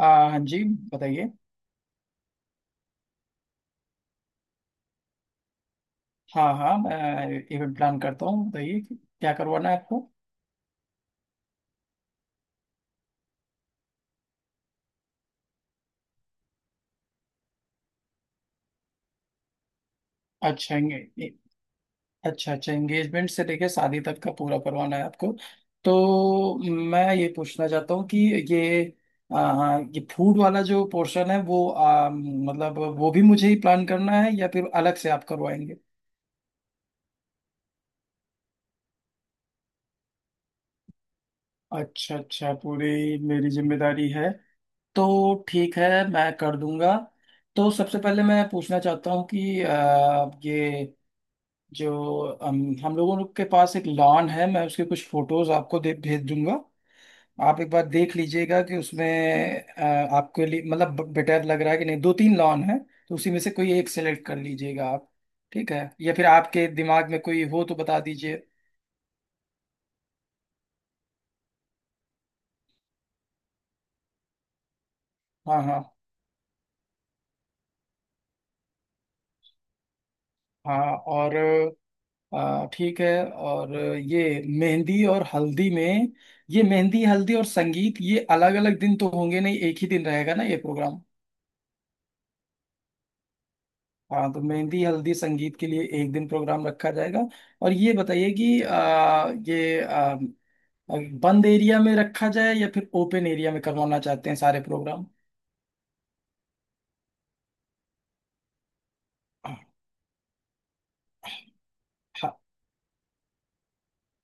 हाँ जी। बताइए। हाँ हाँ, मैं इवेंट प्लान करता हूँ। बताइए कि क्या करवाना है आपको। अच्छा एंगे- अच्छा अच्छा, एंगेजमेंट से लेके शादी तक का पूरा करवाना है आपको? तो मैं ये पूछना चाहता हूँ कि ये हाँ, ये फूड वाला जो पोर्शन है वो, मतलब वो भी मुझे ही प्लान करना है या फिर अलग से आप करवाएंगे? अच्छा अच्छा, पूरी मेरी जिम्मेदारी है। तो ठीक है, मैं कर दूंगा। तो सबसे पहले मैं पूछना चाहता हूँ कि ये जो हम लोगों के पास एक लॉन है, मैं उसके कुछ फोटोज आपको दे भेज दूंगा। आप एक बार देख लीजिएगा कि उसमें अ, आपके लिए मतलब बेटर लग रहा है कि नहीं। दो तीन लॉन है, तो उसी में से कोई एक सेलेक्ट कर लीजिएगा आप। ठीक है? या फिर आपके दिमाग में कोई हो तो बता दीजिए। हाँ हाँ हाँ। और ठीक है। और ये मेहंदी और हल्दी में, ये मेहंदी हल्दी और संगीत, ये अलग अलग दिन तो होंगे नहीं, एक ही दिन रहेगा ना ये प्रोग्राम? हाँ, तो मेहंदी हल्दी संगीत के लिए एक दिन प्रोग्राम रखा जाएगा। और ये बताइए कि बंद एरिया में रखा जाए या फिर ओपन एरिया में करवाना चाहते हैं सारे प्रोग्राम?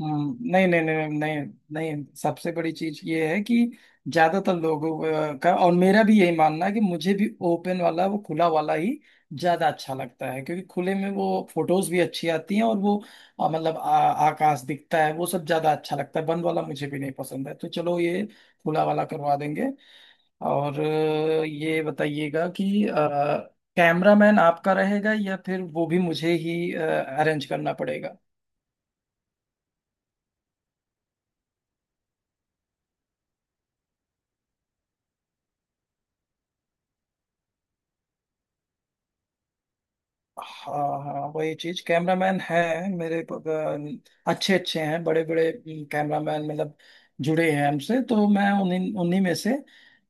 नहीं नहीं नहीं नहीं। नहीं, सबसे बड़ी चीज ये है कि ज्यादातर लोगों का और मेरा भी यही मानना है कि मुझे भी ओपन वाला, वो खुला वाला ही ज्यादा अच्छा लगता है, क्योंकि खुले में वो फोटोज भी अच्छी आती हैं और वो अ, मतलब आ, आकाश दिखता है, वो सब ज्यादा अच्छा लगता है। बंद वाला मुझे भी नहीं पसंद है, तो चलो, ये खुला वाला करवा देंगे। और ये बताइएगा कि कैमरामैन आपका रहेगा या फिर वो भी मुझे ही अरेंज करना पड़ेगा? हाँ हाँ, वही चीज कैमरामैन है। मेरे प- अच्छे अच्छे हैं, बड़े बड़े कैमरामैन मतलब जुड़े हैं हमसे। तो मैं उन्हीं उन्हीं में से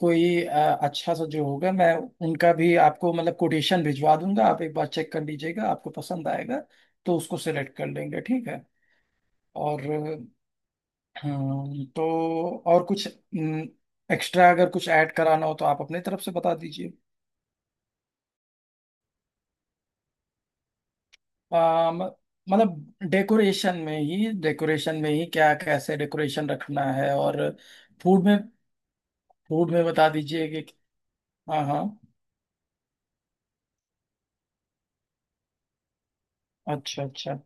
कोई अच्छा सा जो होगा, मैं उनका भी आपको मतलब कोटेशन भिजवा दूंगा। आप एक बार चेक कर लीजिएगा, आपको पसंद आएगा तो उसको सेलेक्ट कर लेंगे, ठीक है? और तो और कुछ एक्स्ट्रा अगर कुछ ऐड कराना हो तो आप अपने तरफ से बता दीजिए। आ, म- मतलब डेकोरेशन में ही, डेकोरेशन में ही क्या कैसे डेकोरेशन रखना है, और फूड में, फूड में बता दीजिए कि। हाँ हाँ। अच्छा अच्छा।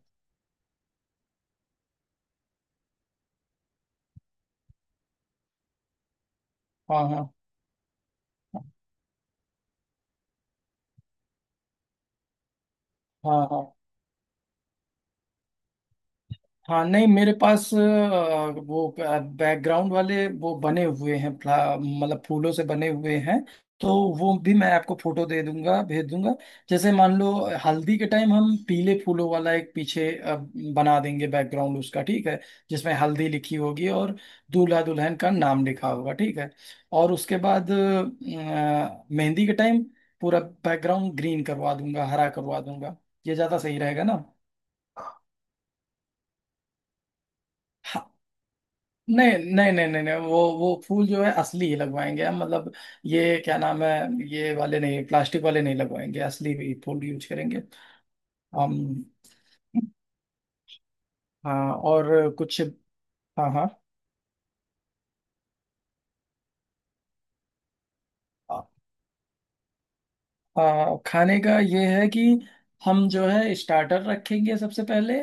हाँ हाँ। हाँ हाँ। हाँ, नहीं मेरे पास वो बैकग्राउंड वाले वो बने हुए हैं, मतलब फूलों से बने हुए हैं। तो वो भी मैं आपको फोटो दे दूंगा भेज दूंगा। जैसे मान लो, हल्दी के टाइम हम पीले फूलों वाला एक पीछे बना देंगे बैकग्राउंड उसका, ठीक है? जिसमें हल्दी लिखी होगी और दूल्हा दुल्हन का नाम लिखा होगा, ठीक है? और उसके बाद मेहंदी के टाइम पूरा बैकग्राउंड ग्रीन करवा दूंगा, हरा करवा दूंगा। ये ज्यादा सही रहेगा ना? हाँ, नहीं नहीं नहीं नहीं। नहीं, वो फूल जो है असली ही लगवाएंगे हम, मतलब ये क्या नाम है, ये वाले नहीं, प्लास्टिक वाले नहीं लगवाएंगे, असली भी फूल यूज करेंगे हम। हाँ, और कुछ? हाँ हाँ। खाने का ये है कि हम जो है स्टार्टर रखेंगे सबसे पहले,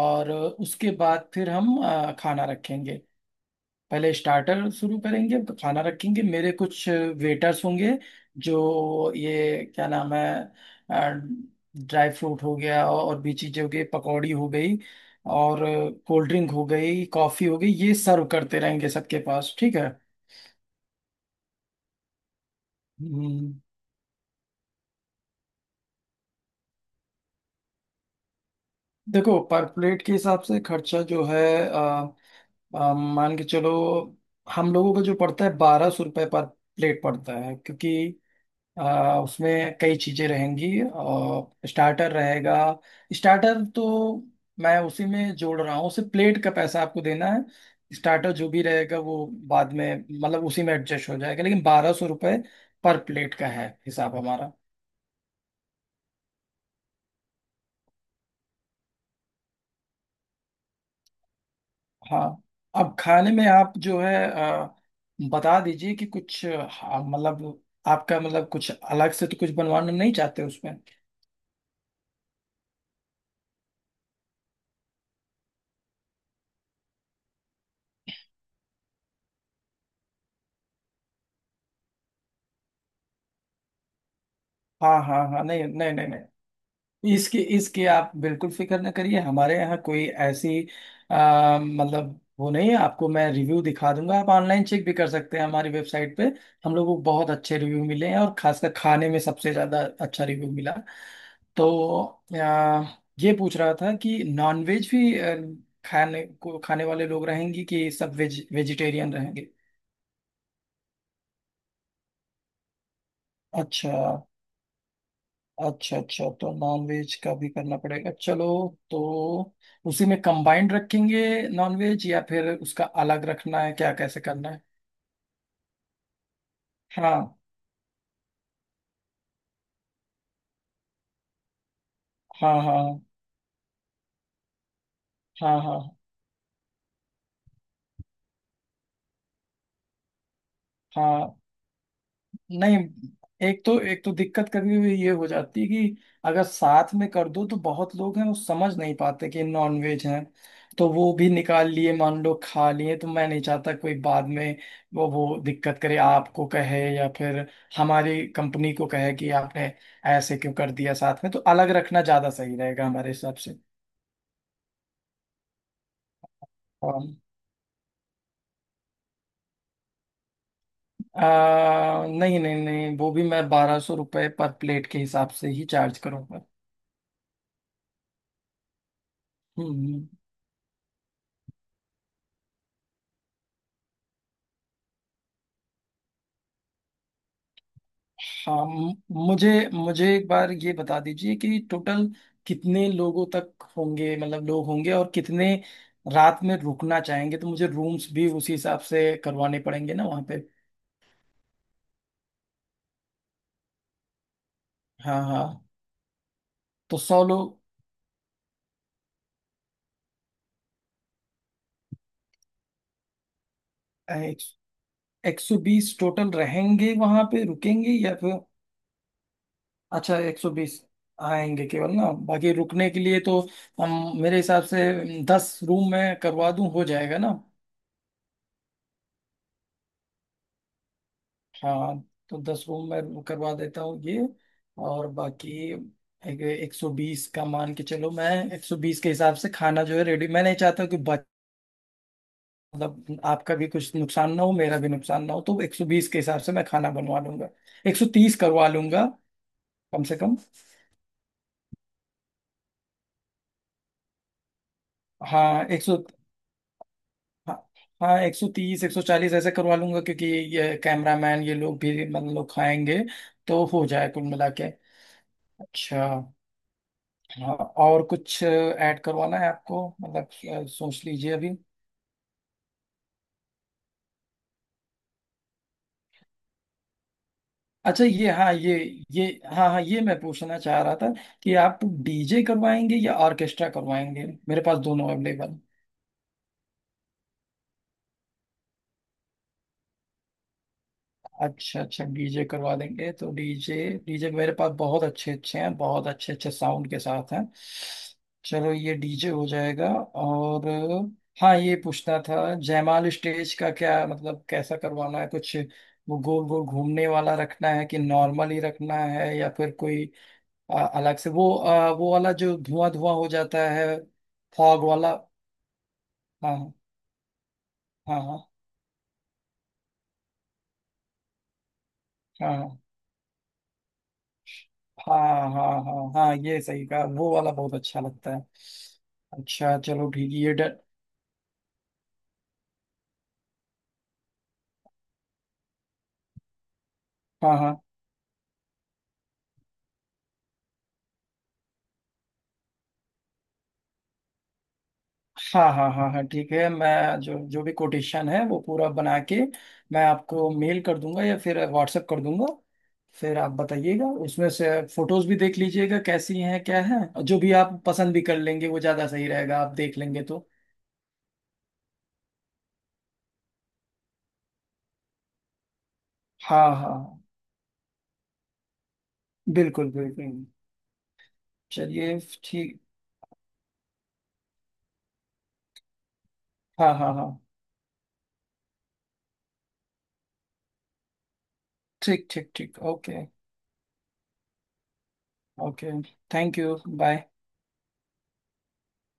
और उसके बाद फिर हम खाना रखेंगे। पहले स्टार्टर शुरू करेंगे तो खाना रखेंगे। मेरे कुछ वेटर्स होंगे जो, ये क्या नाम है, ड्राई फ्रूट हो गया, और भी चीजें हो गई, पकौड़ी हो गई, और कोल्ड ड्रिंक हो गई, कॉफी हो गई, ये सर्व करते रहेंगे सबके पास, ठीक है? हम्म, देखो, पर प्लेट के हिसाब से खर्चा जो है अ, मान के चलो, हम लोगों का जो पड़ता है ₹1200 पर प्लेट पड़ता है। क्योंकि उसमें कई चीजें रहेंगी और स्टार्टर रहेगा। स्टार्टर तो मैं उसी में जोड़ रहा हूँ। सिर्फ प्लेट का पैसा आपको देना है, स्टार्टर जो भी रहेगा वो बाद में मतलब उसी में एडजस्ट हो जाएगा। लेकिन ₹1200 पर प्लेट का है हिसाब हमारा। हाँ, अब खाने में आप जो है बता दीजिए कि कुछ मतलब आपका मतलब कुछ अलग से तो कुछ बनवाना नहीं चाहते उसमें? हाँ हाँ हाँ। नहीं नहीं नहीं नहीं, इसकी इसकी आप बिल्कुल फिक्र न करिए। हमारे यहाँ कोई ऐसी मतलब वो नहीं है। आपको मैं रिव्यू दिखा दूंगा, आप ऑनलाइन चेक भी कर सकते हैं हमारी वेबसाइट पे। हम लोगों को बहुत अच्छे रिव्यू मिले हैं और खासकर खाने में सबसे ज़्यादा अच्छा रिव्यू मिला। तो आ, ये पूछ रहा था कि नॉनवेज भी खाने को खाने वाले लोग रहेंगे कि सब वेज, वेजिटेरियन रहेंगे? अच्छा, अच्छा अच्छा, तो नॉन वेज का भी करना पड़ेगा। चलो, तो उसी में कंबाइंड रखेंगे नॉन वेज, या फिर उसका अलग रखना है, क्या कैसे करना है? हाँ हाँ हाँ हाँ हाँ हाँ। नहीं, एक तो दिक्कत कभी भी ये हो जाती है कि अगर साथ में कर दो तो बहुत लोग हैं वो समझ नहीं पाते कि नॉन वेज है, तो वो भी निकाल लिए, मान लो खा लिए। तो मैं नहीं चाहता कोई बाद में वो दिक्कत करे, आपको कहे या फिर हमारी कंपनी को कहे कि आपने ऐसे क्यों कर दिया साथ में। तो अलग रखना ज्यादा सही रहेगा हमारे हिसाब से। हाँ। नहीं नहीं नहीं, वो भी मैं ₹1200 पर प्लेट के हिसाब से ही चार्ज करूंगा। हम्म हम्म। हाँ, म- मुझे मुझे एक बार ये बता दीजिए कि टोटल कितने लोगों तक होंगे, मतलब लोग होंगे और कितने रात में रुकना चाहेंगे? तो मुझे रूम्स भी उसी हिसाब से करवाने पड़ेंगे ना वहाँ पे। हाँ हाँ, तो 100 लोग। एक, 120 टोटल रहेंगे वहाँ पे, रुकेंगे या फिर? अच्छा, 120 आएंगे केवल ना, बाकी रुकने के लिए तो। हम मेरे हिसाब से 10 रूम में करवा दूं, हो जाएगा ना? हाँ, तो 10 रूम मैं करवा देता हूँ ये। और बाकी एक 120 का मान के चलो। मैं 120 के हिसाब से खाना जो है रेडी, मैं नहीं चाहता हूँ कि बच, मतलब आपका भी कुछ नुकसान ना हो, मेरा भी नुकसान ना हो। तो 120 के हिसाब से मैं खाना बनवा लूंगा, 130 करवा लूंगा कम से कम। हाँ एक सौ, हाँ, हाँ 130 140 ऐसे करवा लूंगा, क्योंकि ये कैमरामैन ये लोग भी मतलब लोग खाएंगे, तो हो जाए कुल मिला के। अच्छा। हाँ, और कुछ ऐड करवाना है आपको मतलब, सोच लीजिए अभी। अच्छा, ये हाँ, ये हाँ हाँ, ये मैं पूछना चाह रहा था कि आप डीजे करवाएंगे या ऑर्केस्ट्रा करवाएंगे? मेरे पास दोनों अवेलेबल। अच्छा अच्छा, डीजे करवा देंगे, तो डीजे, डीजे मेरे पास बहुत अच्छे अच्छे हैं, बहुत अच्छे अच्छे साउंड के साथ हैं। चलो, ये डीजे हो जाएगा। और हाँ, ये पूछना था, जयमाल स्टेज का क्या मतलब कैसा करवाना है कुछ, वो गोल गोल घूमने वाला रखना है कि नॉर्मल ही रखना है, या फिर कोई अलग से वो वो वाला जो धुआं धुआं हो जाता है, फॉग वाला? हाँ हाँ हाँ हाँ हाँ हाँ हाँ हाँ हाँ, ये सही कहा, वो वाला बहुत अच्छा लगता है। अच्छा, चलो, ठीक है, ये डर हाँ हाँ हाँ हाँ हाँ हाँ, ठीक है, मैं जो जो भी कोटेशन है वो पूरा बना के मैं आपको मेल कर दूंगा या फिर व्हाट्सएप कर दूंगा। फिर आप बताइएगा, उसमें से फोटोज भी देख लीजिएगा कैसी हैं क्या है। जो भी आप पसंद भी कर लेंगे वो ज्यादा सही रहेगा, आप देख लेंगे तो। हाँ हाँ, बिल्कुल बिल्कुल। चलिए, ठीक। हाँ हाँ हाँ, ठीक ठीक ठीक, okay. Okay, thank you, bye.